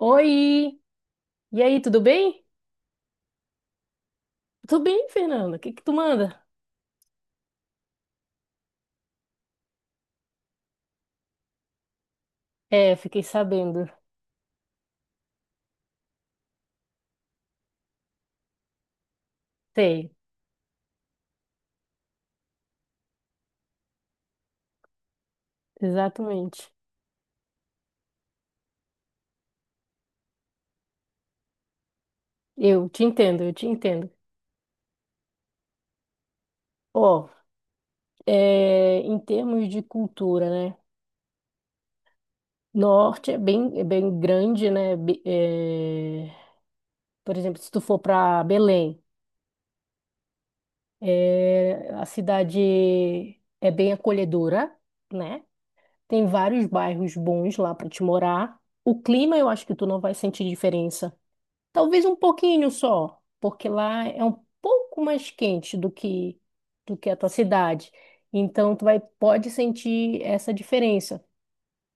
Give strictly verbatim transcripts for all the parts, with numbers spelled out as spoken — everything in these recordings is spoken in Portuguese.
Oi! E aí, tudo bem? Tudo bem, Fernanda? O que que tu manda? É, fiquei sabendo. Sei, exatamente. Eu te entendo, eu te entendo. Ó, é, em termos de cultura, né? Norte é bem, é bem grande, né? Be- é, por exemplo, se tu for para Belém, é, a cidade é bem acolhedora, né? Tem vários bairros bons lá para te morar. O clima, eu acho que tu não vai sentir diferença. Talvez um pouquinho só, porque lá é um pouco mais quente do que do que a tua cidade. Então tu vai pode sentir essa diferença.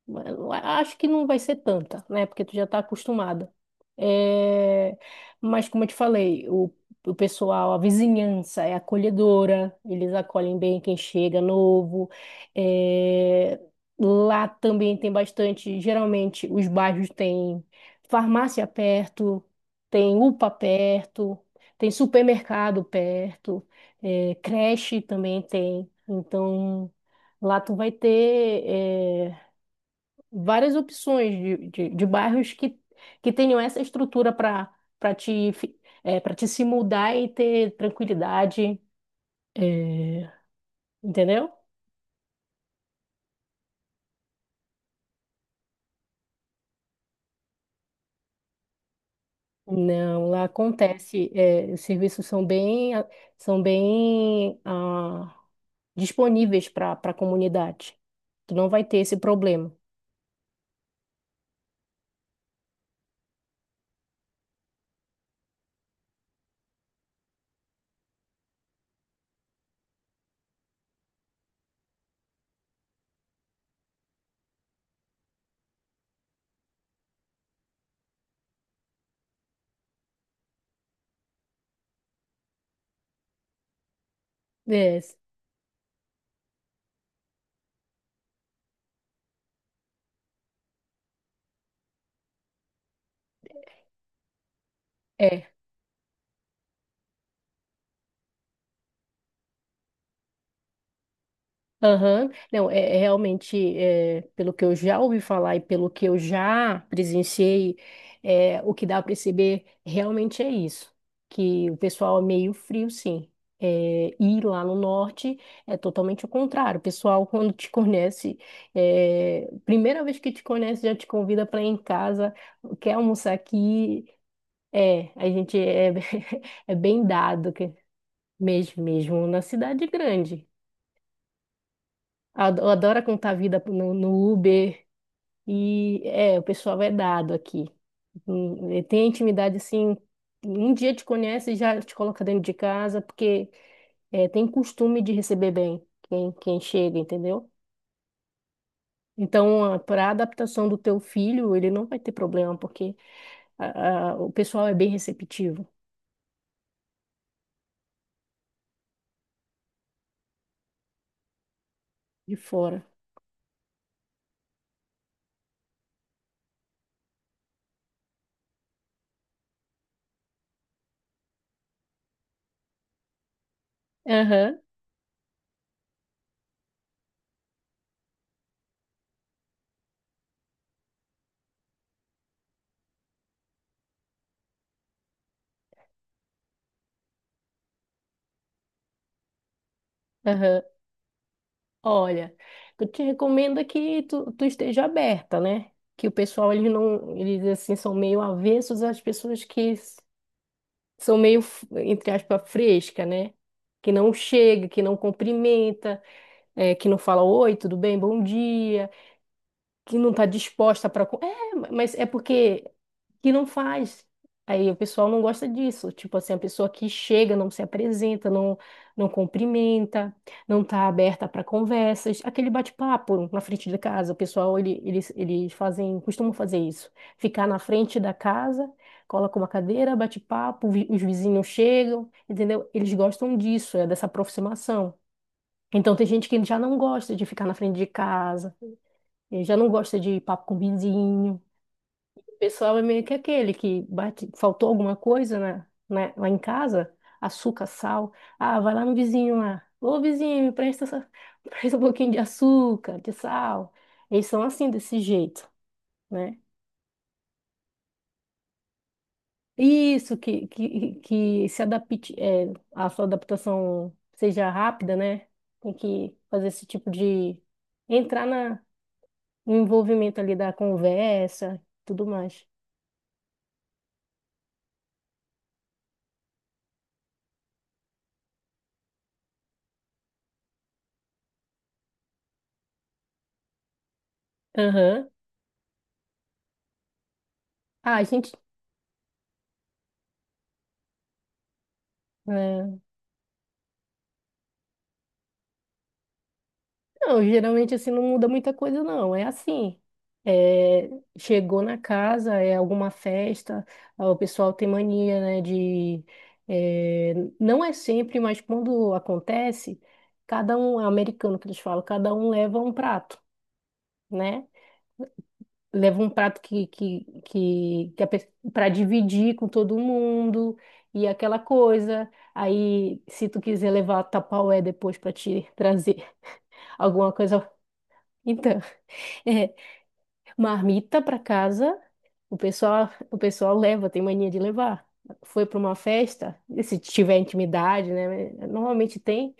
Eu acho que não vai ser tanta, né? Porque tu já tá acostumada. É, mas como eu te falei, o, o pessoal, a vizinhança é acolhedora, eles acolhem bem quem chega novo. É, lá também tem bastante, geralmente os bairros têm farmácia perto, tem U P A perto, tem supermercado perto, é, creche também tem. Então, lá tu vai ter. é, várias opções de, de, de bairros que, que tenham essa estrutura para para te, é, para te se mudar e ter tranquilidade, é, entendeu? Não, lá acontece, é, os serviços são bem, ah, são bem ah, disponíveis para para a comunidade. Tu não vai ter esse problema. É, é. Aham, não, é, é realmente, é, pelo que eu já ouvi falar e pelo que eu já presenciei, é, o que dá para perceber realmente é isso, que o pessoal é meio frio, sim. É, e lá no norte é totalmente o contrário. O pessoal, quando te conhece, é, primeira vez que te conhece, já te convida para ir em casa, quer almoçar aqui. É, a gente é, é bem dado que- mesmo, mesmo na cidade grande. Ado- Adora contar a vida no, no Uber. E é, o pessoal é dado aqui. Hum, e tem intimidade assim. Um dia te conhece e já te coloca dentro de casa, porque é, tem costume de receber bem quem, quem chega, entendeu? Então, para a adaptação do teu filho, ele não vai ter problema, porque a- a- o pessoal é bem receptivo de fora. Aham, aham. Olha, eu te recomendo é que tu, tu esteja aberta, né? Que o pessoal, eles não, eles assim, são meio avessos às pessoas que s- são meio, f- entre aspas, fresca, né? Que não chega, que não cumprimenta, eh, que não fala oi, tudo bem, bom dia que não está disposta para. É, mas é porque que não faz. Aí o pessoal não gosta disso. Tipo assim, a pessoa que chega, não se apresenta, não, não cumprimenta, não está aberta para conversas. Aquele bate-papo na frente da casa, o pessoal, ele, eles, eles fazem, costumam fazer isso. Ficar na frente da casa, coloca uma cadeira, bate papo, vi- os vizinhos chegam, entendeu? Eles gostam disso, é dessa aproximação. Então tem gente que já não gosta de ficar na frente de casa ele já não gosta de papo com vizinho. O pessoal é meio que aquele que bate, faltou alguma coisa na, na- lá em casa, açúcar, sal. Ah, vai lá no vizinho lá. Ô, vizinho, me presta, essa- presta um pouquinho de açúcar, de sal. Eles são assim, desse jeito, né? Isso, que, que, que se adapte, é, a sua adaptação seja rápida, né? Tem que fazer esse tipo de... Entrar na, no envolvimento ali da conversa, tudo mais. Aham. Ah, a gente. Né? Não, geralmente assim não muda muita coisa, não. É assim. É, chegou na casa, é alguma festa, ah, o pessoal tem mania, né, de. é, não é sempre, mas quando acontece, cada um, é americano que eles falam, cada um leva um prato, né? Leva um prato que, que, que, que para dividir com todo mundo e aquela coisa. Aí, se tu quiser levar tapaué depois para te trazer alguma coisa. Então, é, marmita para casa, o pessoal, o pessoal leva, tem mania de levar. Foi para uma festa, e se tiver intimidade, né? Normalmente tem,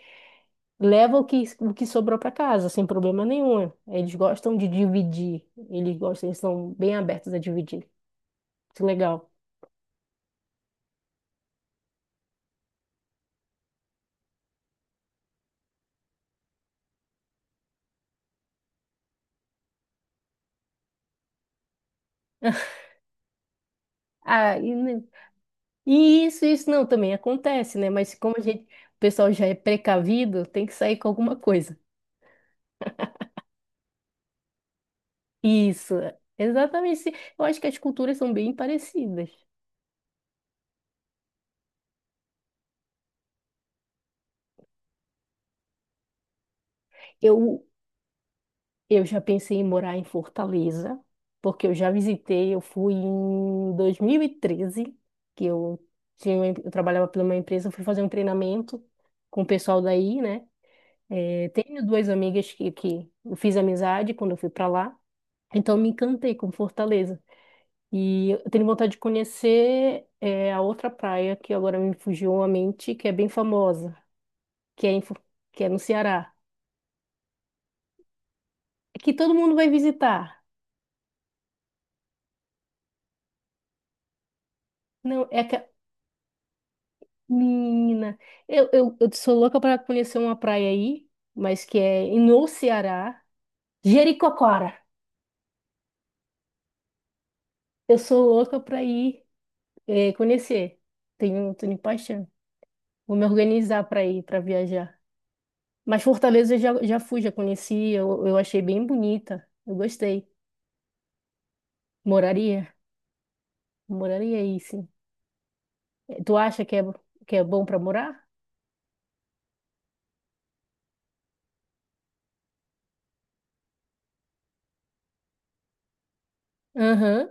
leva o que, o que sobrou para casa, sem problema nenhum. Eles gostam de dividir, eles gostam, eles são bem abertos a dividir. Isso é legal. Ah, e, ne- e isso, isso não também acontece, né? Mas como a gente, o pessoal já é precavido, tem que sair com alguma coisa. Isso, exatamente. Eu acho que as culturas são bem parecidas. Eu, eu já pensei em morar em Fortaleza, porque eu já visitei, eu fui em dois mil e treze que eu tinha, uma em- eu trabalhava pela uma empresa, eu fui fazer um treinamento com o pessoal daí, né? Eh, tenho duas amigas que, que eu fiz amizade quando eu fui para lá, então eu me encantei com Fortaleza. E eu tenho vontade de conhecer eh, a outra praia que agora me fugiu a mente, que é bem famosa, que é, em, Fo- que é no Ceará, que todo mundo vai visitar. Não, é que menina, eu, eu, eu sou louca para conhecer uma praia aí, mas que é no Ceará, Jericoacoara. Eu sou louca para ir eh, conhecer. Tenho, tenho paixão. Vou me organizar para ir, para viajar. Mas Fortaleza eu já, já fui, já conheci, eu, eu achei bem bonita. Eu gostei. Moraria? Moraria aí, sim. Eh, tu acha que é, que é bom para morar? Aham,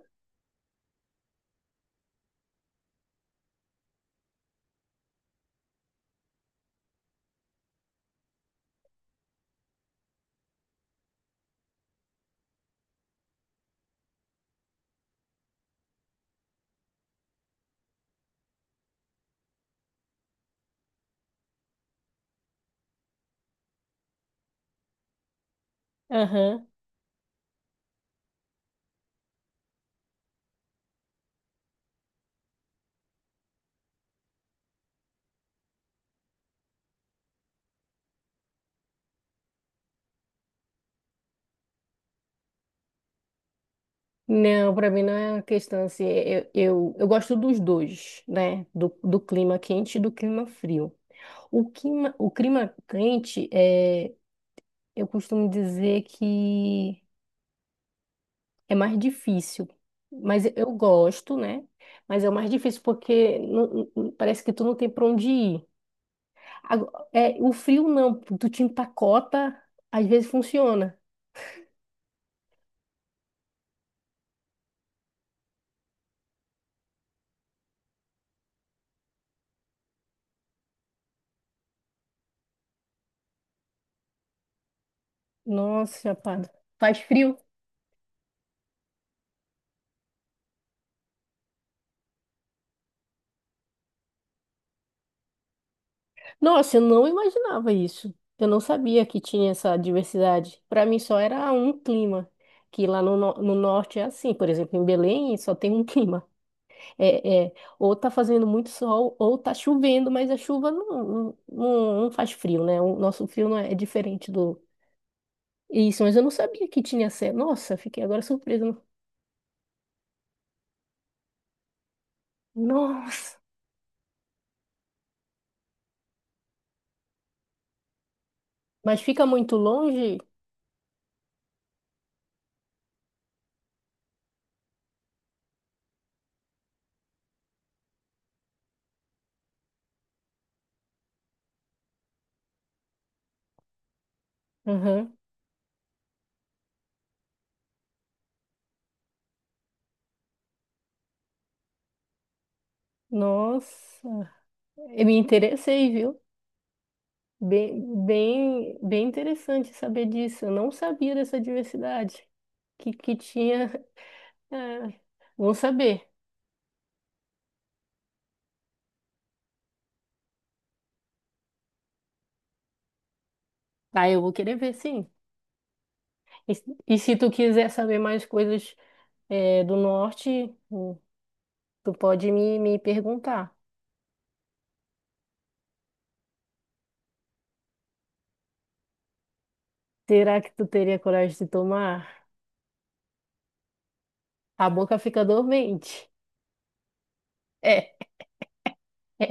aham. Não, para mim não é uma questão assim. Eu, eu, eu gosto dos dois, né? Do, do clima quente e do clima frio. O clima, o clima quente é, eu costumo dizer que é mais difícil, mas eu gosto, né? Mas é o mais difícil porque não- não- parece que tu não tem para onde ir. Ago- É, o frio não, tu te empacota, às vezes funciona. Nossa, rapaz, faz frio? Nossa, eu não imaginava isso. Eu não sabia que tinha essa diversidade. Para mim só era um clima, que lá no, no- no norte é assim. Por exemplo, em Belém só tem um clima. É, é, ou tá fazendo muito sol, ou tá chovendo, mas a chuva não, não, não- não faz frio, né? O nosso frio não é, é diferente do... Isso, mas eu não sabia que tinha... sé- Nossa, fiquei agora surpresa. Nossa! Mas fica muito longe? Aham. Nossa, eu me interessei, viu? Bem, bem, bem interessante saber disso. Eu não sabia dessa diversidade que, que tinha. É, vou saber. Ah, eu vou querer ver, sim. E, e se tu quiser saber mais coisas, é, do norte, hum, tu pode me, me perguntar. Será que tu teria coragem de tomar? A boca fica dormente. É,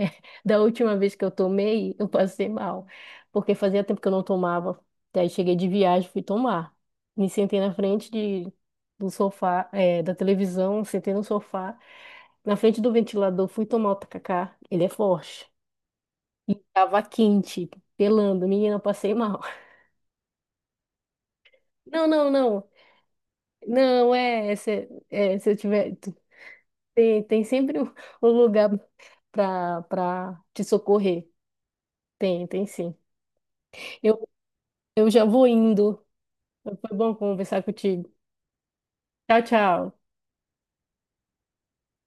da última vez que eu tomei, eu passei mal, porque fazia tempo que eu não tomava. Daí cheguei de viagem, fui tomar. Me sentei na frente de, do sofá, é, da televisão, sentei no sofá, na frente do ventilador, fui tomar o tacacá, ele é forte. E tava quente, pelando, menina, eu passei mal. Não, não, não, não, é, é se, é, se eu tiver, tem, tem sempre um um lugar pra, pra te socorrer. Tem, tem sim. Eu, eu já vou indo. Foi bom conversar contigo. Tchau, tchau.